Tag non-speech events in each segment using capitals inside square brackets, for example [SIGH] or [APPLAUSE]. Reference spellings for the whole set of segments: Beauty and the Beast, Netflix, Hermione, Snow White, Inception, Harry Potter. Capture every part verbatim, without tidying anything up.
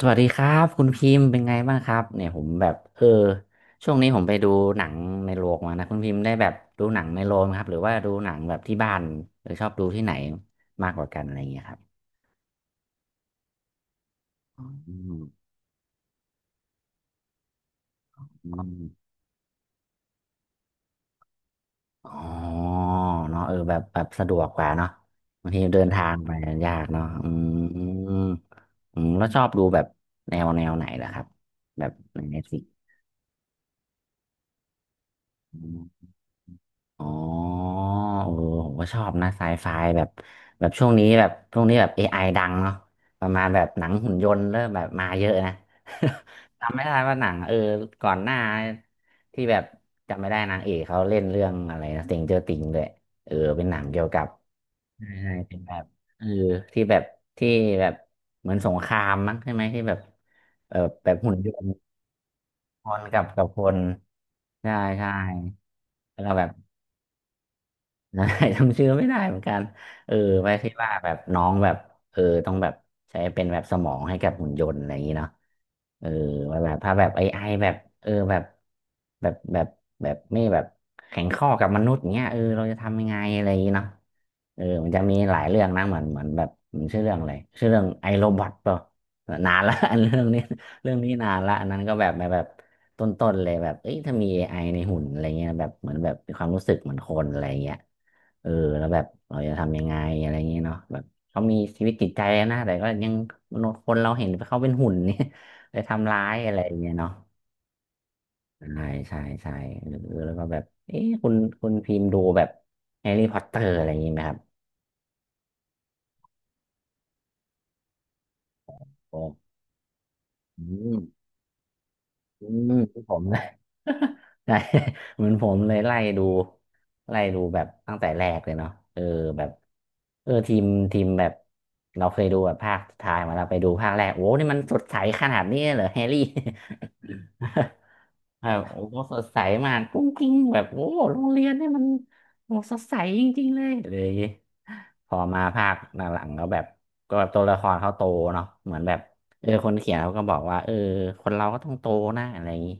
สวัสดีครับคุณพิมพ์เป็นไงบ้างครับเนี่ยผมแบบเออช่วงนี้ผมไปดูหนังในโรงมานะคุณพิมพ์ได้แบบดูหนังในโรงไหมครับหรือว่าดูหนังแบบที่บ้านหรือชอบดูที่ไหนมากกว่ากันอะไรอย่างเงี้ยครับอืมอมอ๋อเนาะเออแบบแบบสะดวกกว่าเนาะบางทีเดินทางไปยากเนาะอืมอืมแล้วชอบดูแบบแนวแนวไหนล่ะครับแบบใน Netflix อ๋อโอ้โหผมก็ชอบนะไซไฟแบบแบบช่วงนี้แบบช่วงนี้แบบเอไ i ดังเนาะประมาณแบบหนังหุ่นยนต์เริ่มแบบมาเยอะนะ [LAUGHS] จำไม่ได้ว่าหนังเออก่อนหน้าที่แบบจำไม่ได้นางเอกเขาเล่นเรื่องอะไรนะต a งเจอติงด้วยเออเป็นหนังเกี่ยวกับใช่ใช่เป็นแบบเออที่แบบที่แบบเหมือนสงครามมั้งใช่ไหมที่แบบเออแบบหุ่นยนต์คนกับกับคนใช่ใช่แล้วก็แบบ [LAUGHS] ใช่ [LAUGHS] จำชื่อไม่ได้เหมือนกันเออไว้คิดว่าแบบน้องแบบเออต้องแบบใช้เป็นแบบสมองให้กับหุ่นยนต์อะไรอย่างนี้เนาะเออว่าแบบถ้าแบบไอไอแบบเออแบบแบบแบบแบบไม่แบบแข็งข้อกับมนุษย์อย่างเงี้ยเออเราจะทำยังไงอะไรอย่างนี้เนาะเออมันจะมีหลายเรื่องนะเหมือนเหมือนแบบมันชื่อเรื่องอะไรชื่อเรื่องไอโรบอทเปล่านานละ [LAUGHS] อันเรื่องนี้เรื่องนี้นานละอันนั้นก็แบบแบบแบบต้นๆเลยแบบเอ้ยถ้ามี เอ ไอ ในหุ่นอะไรเงี้ยแบบเหมือนแบบมีความรู้สึกเหมือนคนอะไรเงี้ย เออแล้วแบบเราจะทำยังไงอะไรเงงี้ยเนาะแบบเขามีชีวิตจิตใจนะแต่ก็ยังมนุษย์คนเราเห็นเขาเป็นหุ่นเนี่ย [LAUGHS] ไปทำร้ายอะไรอย่างเงี้ยเนาะใช่ใช่ใช่หรือแล้วก็แบบเอ๊ะคุณคุณพิมพ์ดูแบบแฮร์รี่พอตเตอร์อะไรอย่างงี้ไหมครับโอ้อืม อืมผมอนผมเลย [LAUGHS] ใช่ [LAUGHS] เหมือนผมเลยไล่ดูไล่ดูแบบตั้งแต่แรกเลยเนาะเออแบบเออทีมทีมแบบเราเคยดูแบบภาคสุดท้ายมาเราไปดูภาคแรกโอ้นี่มันสดใสขนาดนี้เลยเหรอแฮร์รี่ [LAUGHS] แบบโอ้โหสดใสมากกุ้งกิ้งแบบโอ้โหโรงเรียนเนี่ยมันโอ้โหสดใสจริงๆเลยอะไรอย่างงี้พอมาภาคหลังๆก็แบบก็แบบตัวละครเขาโตเนาะเหมือนแบบเออคนเขียนเขาก็บอกว่าเออคนเราก็ต้องโตนะอะไรอย่างงี้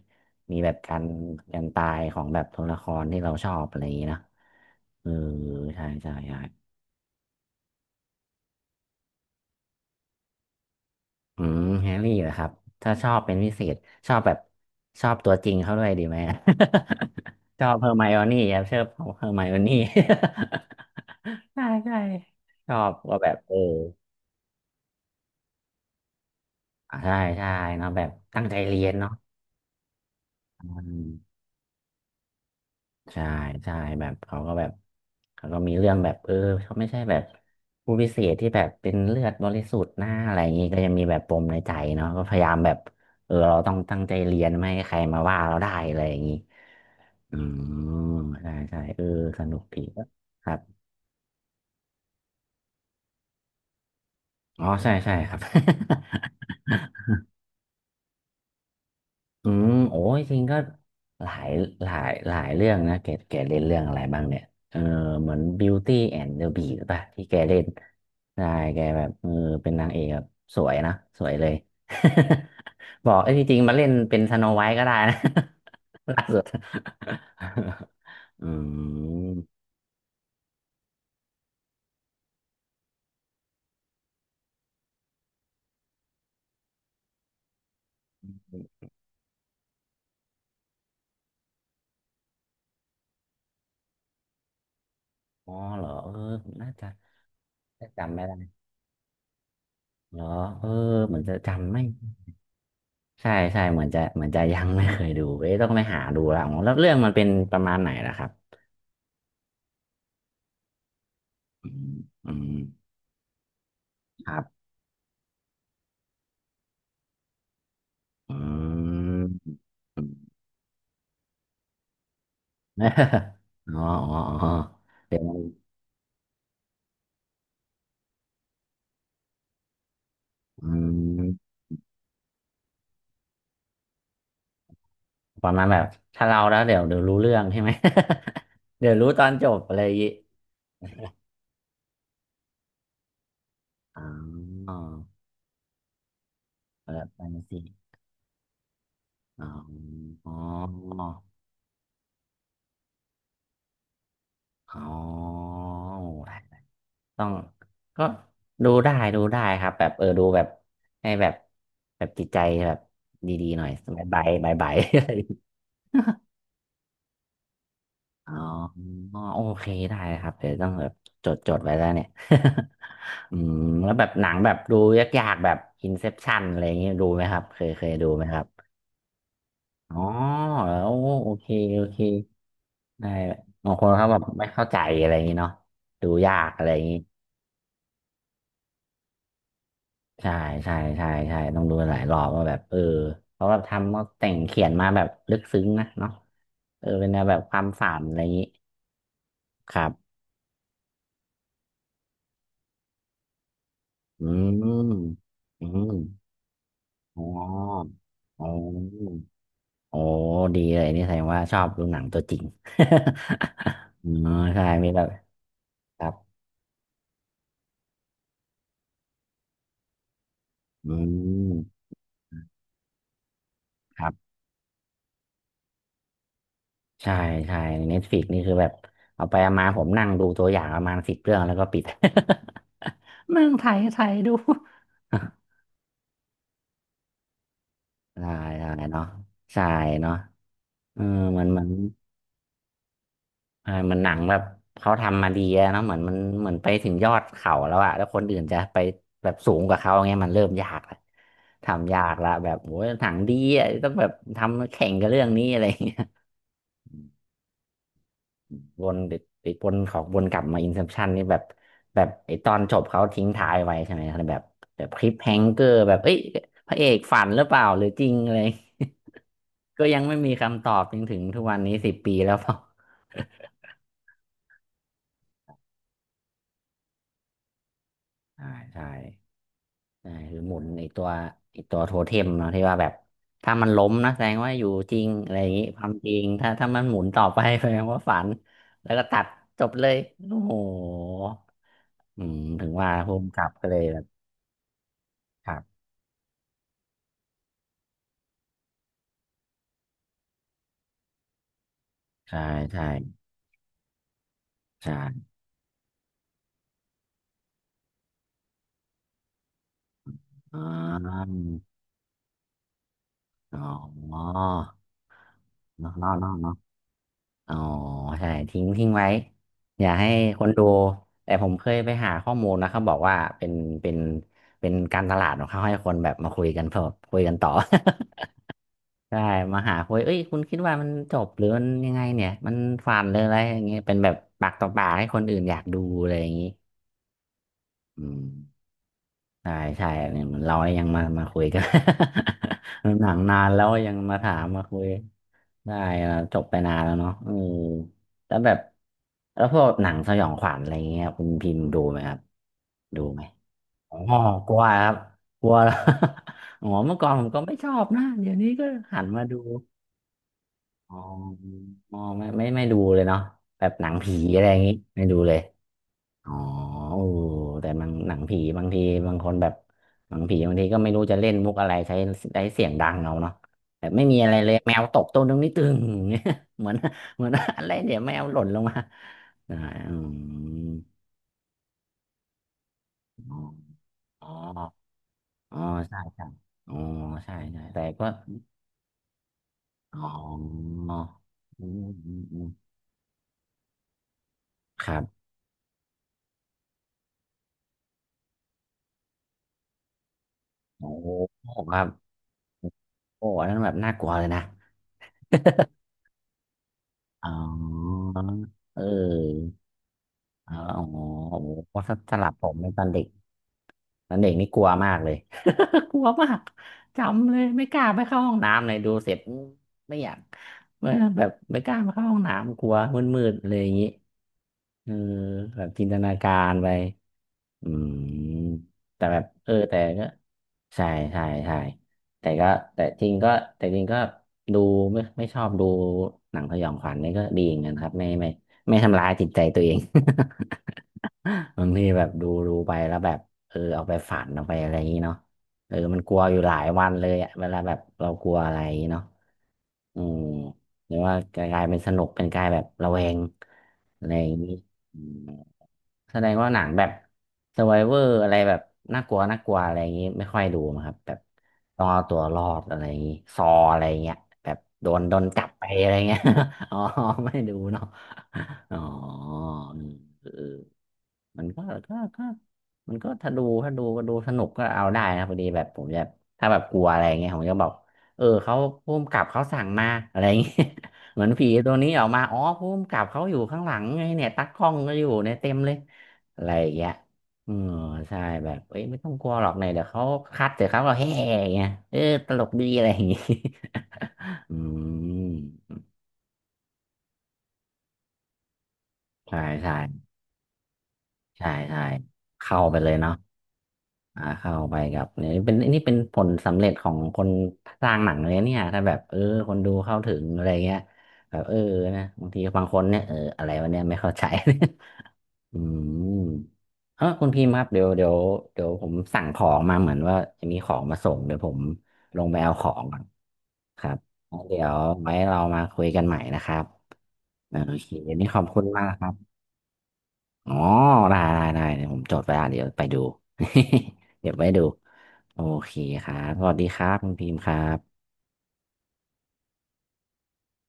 มีแบบการการตายของแบบตัวละครที่เราชอบอะไรอย่างงี้เนอะเออใช่ใช่ใช่ อืมแฮร์รี่เหรอครับถ้าชอบเป็นพิเศษชอบแบบชอบตัวจริงเขาด้วยดีไหม [LAUGHS] ชอบเฮอร์ไมโอนี่ครับชอบเฮอร์ไมโอนี่ [LAUGHS] ใช่ใช่ชอบก็แบบเอออ่ะใช่ใช่เนาะแบบตั้งใจเรียนเนาะอืมใช่ใช่แบบเขาก็แบบเขาก็มีเรื่องแบบเออเขาไม่ใช่แบบผู้พิเศษที่แบบเป็นเลือดบริสุทธิ์หน้าอะไรอย่างงี้ก็ยังมีแบบปมในใจเนาะก็พยายามแบบเออเราต้องตั้งใจเรียนไม่ให้ใครมาว่าเราได้อะไรอย่างงี้ อืมใช่ใช่เออสนุกดีครับอ๋อใช่ใช่ครับ [LAUGHS] อืมโอ้ยจริงก็หลายหลายหลายเรื่องนะแกแกเล่นเรื่องอะไรบ้างเนี่ยเออเหมือน Beauty and the Beast หรือเปล่ะที่แกเล่นใช่แกแบบเออเป็นนางเอกแบบสวยนะสวยเลย [LAUGHS] บอกเอ้ยจริงๆมาเล่นเป็นสโนไวท์ก็ได้นะ [LAUGHS] ล่าสุด [LAUGHS] อืมอ๋อเหรอเออน่าจะน่าจำไม่ได้ เหรอเออเหมือนจะจำไม่ใช่ใช่เหมือนจะเหมือนจะยังไม่เคยดูเอ้ยต้องไปหาดูละอ๋อแล้วเรื่องมันเป็นประมาณไหนล่ะครับอืมอืมครับอืม [LAUGHS] อืม [LAUGHS] อ๋ออ๋ออ๋อเดี๋ยวมันอืมประมาณแบบถ้าเราแล้วเดี๋ยวเดี๋ยวรู้เรื่องใช่ไหม [LAUGHS] เดี๋ยวรู้ตอนจบอะไรอย่างงี้อ๋อแบบแฟนตาซีอ๋ออ๋ออ๋อโอ้ไท ต้องก็ดูได้ดูได้ครับแบบเออดูแบบให้แบบแบบจิตใจแบบดีๆหน่อยบายบายบายบาย [LAUGHS] อ๋อโอเคได้ครับเดี๋ยวต้องแบบจดจดไว้แล้วเนี่ย [LAUGHS] อืมแล้วแบบหนังแบบดูยากๆแบบ Inception อะไรอย่างเงี้ยดูไหมครับเคยเคยดูไหมครับอ๋อแล้วโอเคโอเคได้บางคนเขาแบบไม่เข้าใจอะไรอย่างงี้เนาะดูยากอะไรอย่างงี้ ใช่ใช่ใช่ใช่ต้องดูหลายรอบว่าแบบเออเขาแบบทำเขาแต่งเขียนมาแบบลึกซึ้งนะเนาะเออเป็นแนวแบบความฝันอะไรอย่างนี้ครับอืมอืมอ๋ออ๋อโอ้ดีเลยนี่แสดงว่าชอบดูหนังตัวจริง [LAUGHS] อ๋อใช่มีแบบครับอืมครับใช่ใช่เน็ตฟลิกนี่คือแบบเอาไปเอามาผมนั่งดูตัวอย่างประมาณสิบเรื่องแล้วก็ปิด [LAUGHS] นั่งไถไถดู ใช่ใช่เนาะใช่เนาะเออเหมือนเหมือนอ่าเหมันหนังแบบเขาทำมาดีอะเนาะเหมือนมันเหมือนไปถึงยอดเขาแล้วอะแล้วคนอื่นจะไปแบบสูงกว่าเขาเงี้ยมันเริ่มยากละทำยากละแบบโอ้ยหนังดีอะต้องแบบทำแข่งกับเรื่องนี้อะไรอย่างเงี้ย [LAUGHS] วนติดติดวนของวนกลับมาอินเ p พชันนี่แบบแบบไอตอนจบเขาทิ้งท้ายไว้ใช่ไหมแบบแบบคลิปแฮงเกอร์แบบเอ้ยพระเอกฝันหรือเปล่าหรือจริงอะไร [LAUGHS] ก็ยังไม่มีคำตอบจนถึงทุกวันนี้สิบปีแล้ว [LAUGHS] เปล่า ใช่ใช่ใช่คือหมุนไอตัวไอตัวโทเทมเนาะที่ว่าแบบถ้ามันล้มนะแสดงว่าอยู่จริงอะไรอย่างงี้ความจริงถ้าถ้ามันหมุนต่อไป [LAUGHS] แสดงว่าฝันแล้วก็ตัดจบเลยโอ้โหอืมถึงว่าภูมิกับก็เลยแบบครับใช่ใช่ใช่อ๋ออ๋อเนาะเนาะเนาะ อ๋อใช่ทิ้งทิ้งไว้อย่าให้คนดูแต่ผมเคยไปหาข้อมูลนะเขาบอกว่าเป็นเป็นเป็นการตลาดของเขาให้คนแบบมาคุยกันเพิ่มคุยกันต่อ [LAUGHS] ใช่มาหาคุยเอ้ยคุณคิดว่ามันจบหรือมันยังไงเนี่ยมันฝันหรืออะไรอย่างเงี้ยเป็นแบบปากต่อปากให้คนอื่นอยากดูอะไรอย่างงี้อืมใช่ใช่เนี่ยเหมือนเรายังมามาคุยกัน [LAUGHS] หนังนานแล้วยังมาถามมาคุย ได้แล้วจบไปนานแล้วเนาะเออแล้วแบบแล้วพวกหนังสยองขวัญอะไรเงี้ยคุณพิมพ์ดูไหมครับดูไหมอ๋อกลัวครับกลัวแล้ว [LAUGHS] อ๋อเมื่อก่อนผมก็ไม่ชอบนะเดี๋ยวนี้ก็หันมาดูอ๋ออ๋อไม่ไม่ไม่ดูเลยเนาะแบบหนังผีอะไรอย่างงี้ไม่ดูเลย อ๋อโอ้แต่บางหนังผีบางทีบางคนแบบหนังผีบางทีก็ไม่รู้จะเล่นมุกอะไรใช้ใด้เสียงดังเอาเนาะแบบไม่มีอะไรเลยแมวตกต้นตรงนี้ตึงเนี่ย [LAUGHS] เหมือน [LAUGHS] เหมือนอะไรเดี๋ยวแมวหล่นลงมาอ่าอืมอ๋ออ๋อใช่ใช่อ๋อใช่ใช่แต่ก็อ๋ออืมอืมอืมครับโอ้ครับโอ้อันนั้นแบบน่ากลัวเลยนะ [LAUGHS] อ๋อเออ อ๋อโอ้โหถ้าสลับผมในตอนเด็กตอนเด็กนี่กลัวมากเลย [LAUGHS] กลัวมากจำเลยไม่กล้าไปเข้าห้องน้ำเลยดูเสร็จมไม่อยากไม่แบบไม่กล้าไปเข้าห้องน้ำกลัวมืดๆเลยอย่างนี้เออแบบจินตนาการไปอืมแต่แบบเออแต่ก็ใช่ใช่ใช่แต่ก็แต่จริงก็แต่จริงก็ดูไม่ไม่ชอบดูหนังสยองขวัญนี่ก็ดีเหมือนกันครับไม่ไม่ไม่ทำร้ายจิตใจตัวเอง บางทีแบบดูดูไปแล้วแบบเออเอาไปฝันเอาไปอะไรอย่างนี้เนาะเออมันกลัวอยู่หลายวันเลยอะเวลาแบบเรากลัวอะไรอย่างนี้เนาะอืมหรือว่ากลายเป็นสนุกเป็นกลายแบบระแวงอะไรอย่างนี้อืมแสดงว่าหนังแบบ เอส ยู อาร์ วี ไอ วี โอ อาร์ อร์อะไรแบบน่ากลัวน่ากลัวอะไรอย่างนี้ไม่ค่อยดูมั้งครับแบบต้องเอาตัวรอดอะไรอย่างนี้ซออะไรอย่างเงี้ยแบบโดนโดนจับไปอะไรเงี้ย [LAUGHS] อ๋อไม่ดูเนาะอ๋ออืมเออ มันก็ก็ก็มันก็ถ้าดูถ้าดูก็ดูสนุกก็เอาได้นะพอดีแบบผมจะถ้าแบบกลัวอะไรเงี้ยผมจะบอกเออเขาภูมกับเขาสั่งมาอะไรเงี้ย [LAUGHS] เหมือนผีตัวนี้ออกมาอ๋อภูมิกับเขาอยู่ข้างหลังไงเนี่ยตากล้องก็อยู่เนี่ยเต็มเลยอะไรอย่างเงี้ยเออใช่แบบเอ้ยไม่ต้องกลัวหรอกเนี่ยเดี๋ยวเขาคัดเดี๋ยวเขาเราแห่อย่างเงี้ยเออตลกดีอะไรอย่างงี้ [LAUGHS] อืมใช่ใช่ใช่ใช่เข้าไปเลยเนาะ อ่าเข้าไปกับเนี่ยเป็นนี่เป็นผลสำเร็จของคนสร้างหนังเลยเนี่ยถ้าแบบเออคนดูเข้าถึงอะไรเงี้ยแบบเออนะบางทีบางคนเนี่ยเอออะไรวะเนี่ยไม่เข้าใจ [LAUGHS] อืมเออคุณพิมพ์ครับเดี๋ยวเดี๋ยวเดี๋ยวผมสั่งของมาเหมือนว่าจะมีของมาส่งเดี๋ยวผมลงไปเอาของก่อนครับแล้วเดี๋ยวไว้เรามาคุยกันใหม่นะครับอ่าโอเควันนี้ขอบคุณมากครับ อ๋อได้ได้ได้เดี๋ยวผมจดไว้อ่ะเดี๋ยวไปดู [LAUGHS] เดี๋ยวไปดูโอเคครับสวัสดีครับคุณพิมพ์ครับ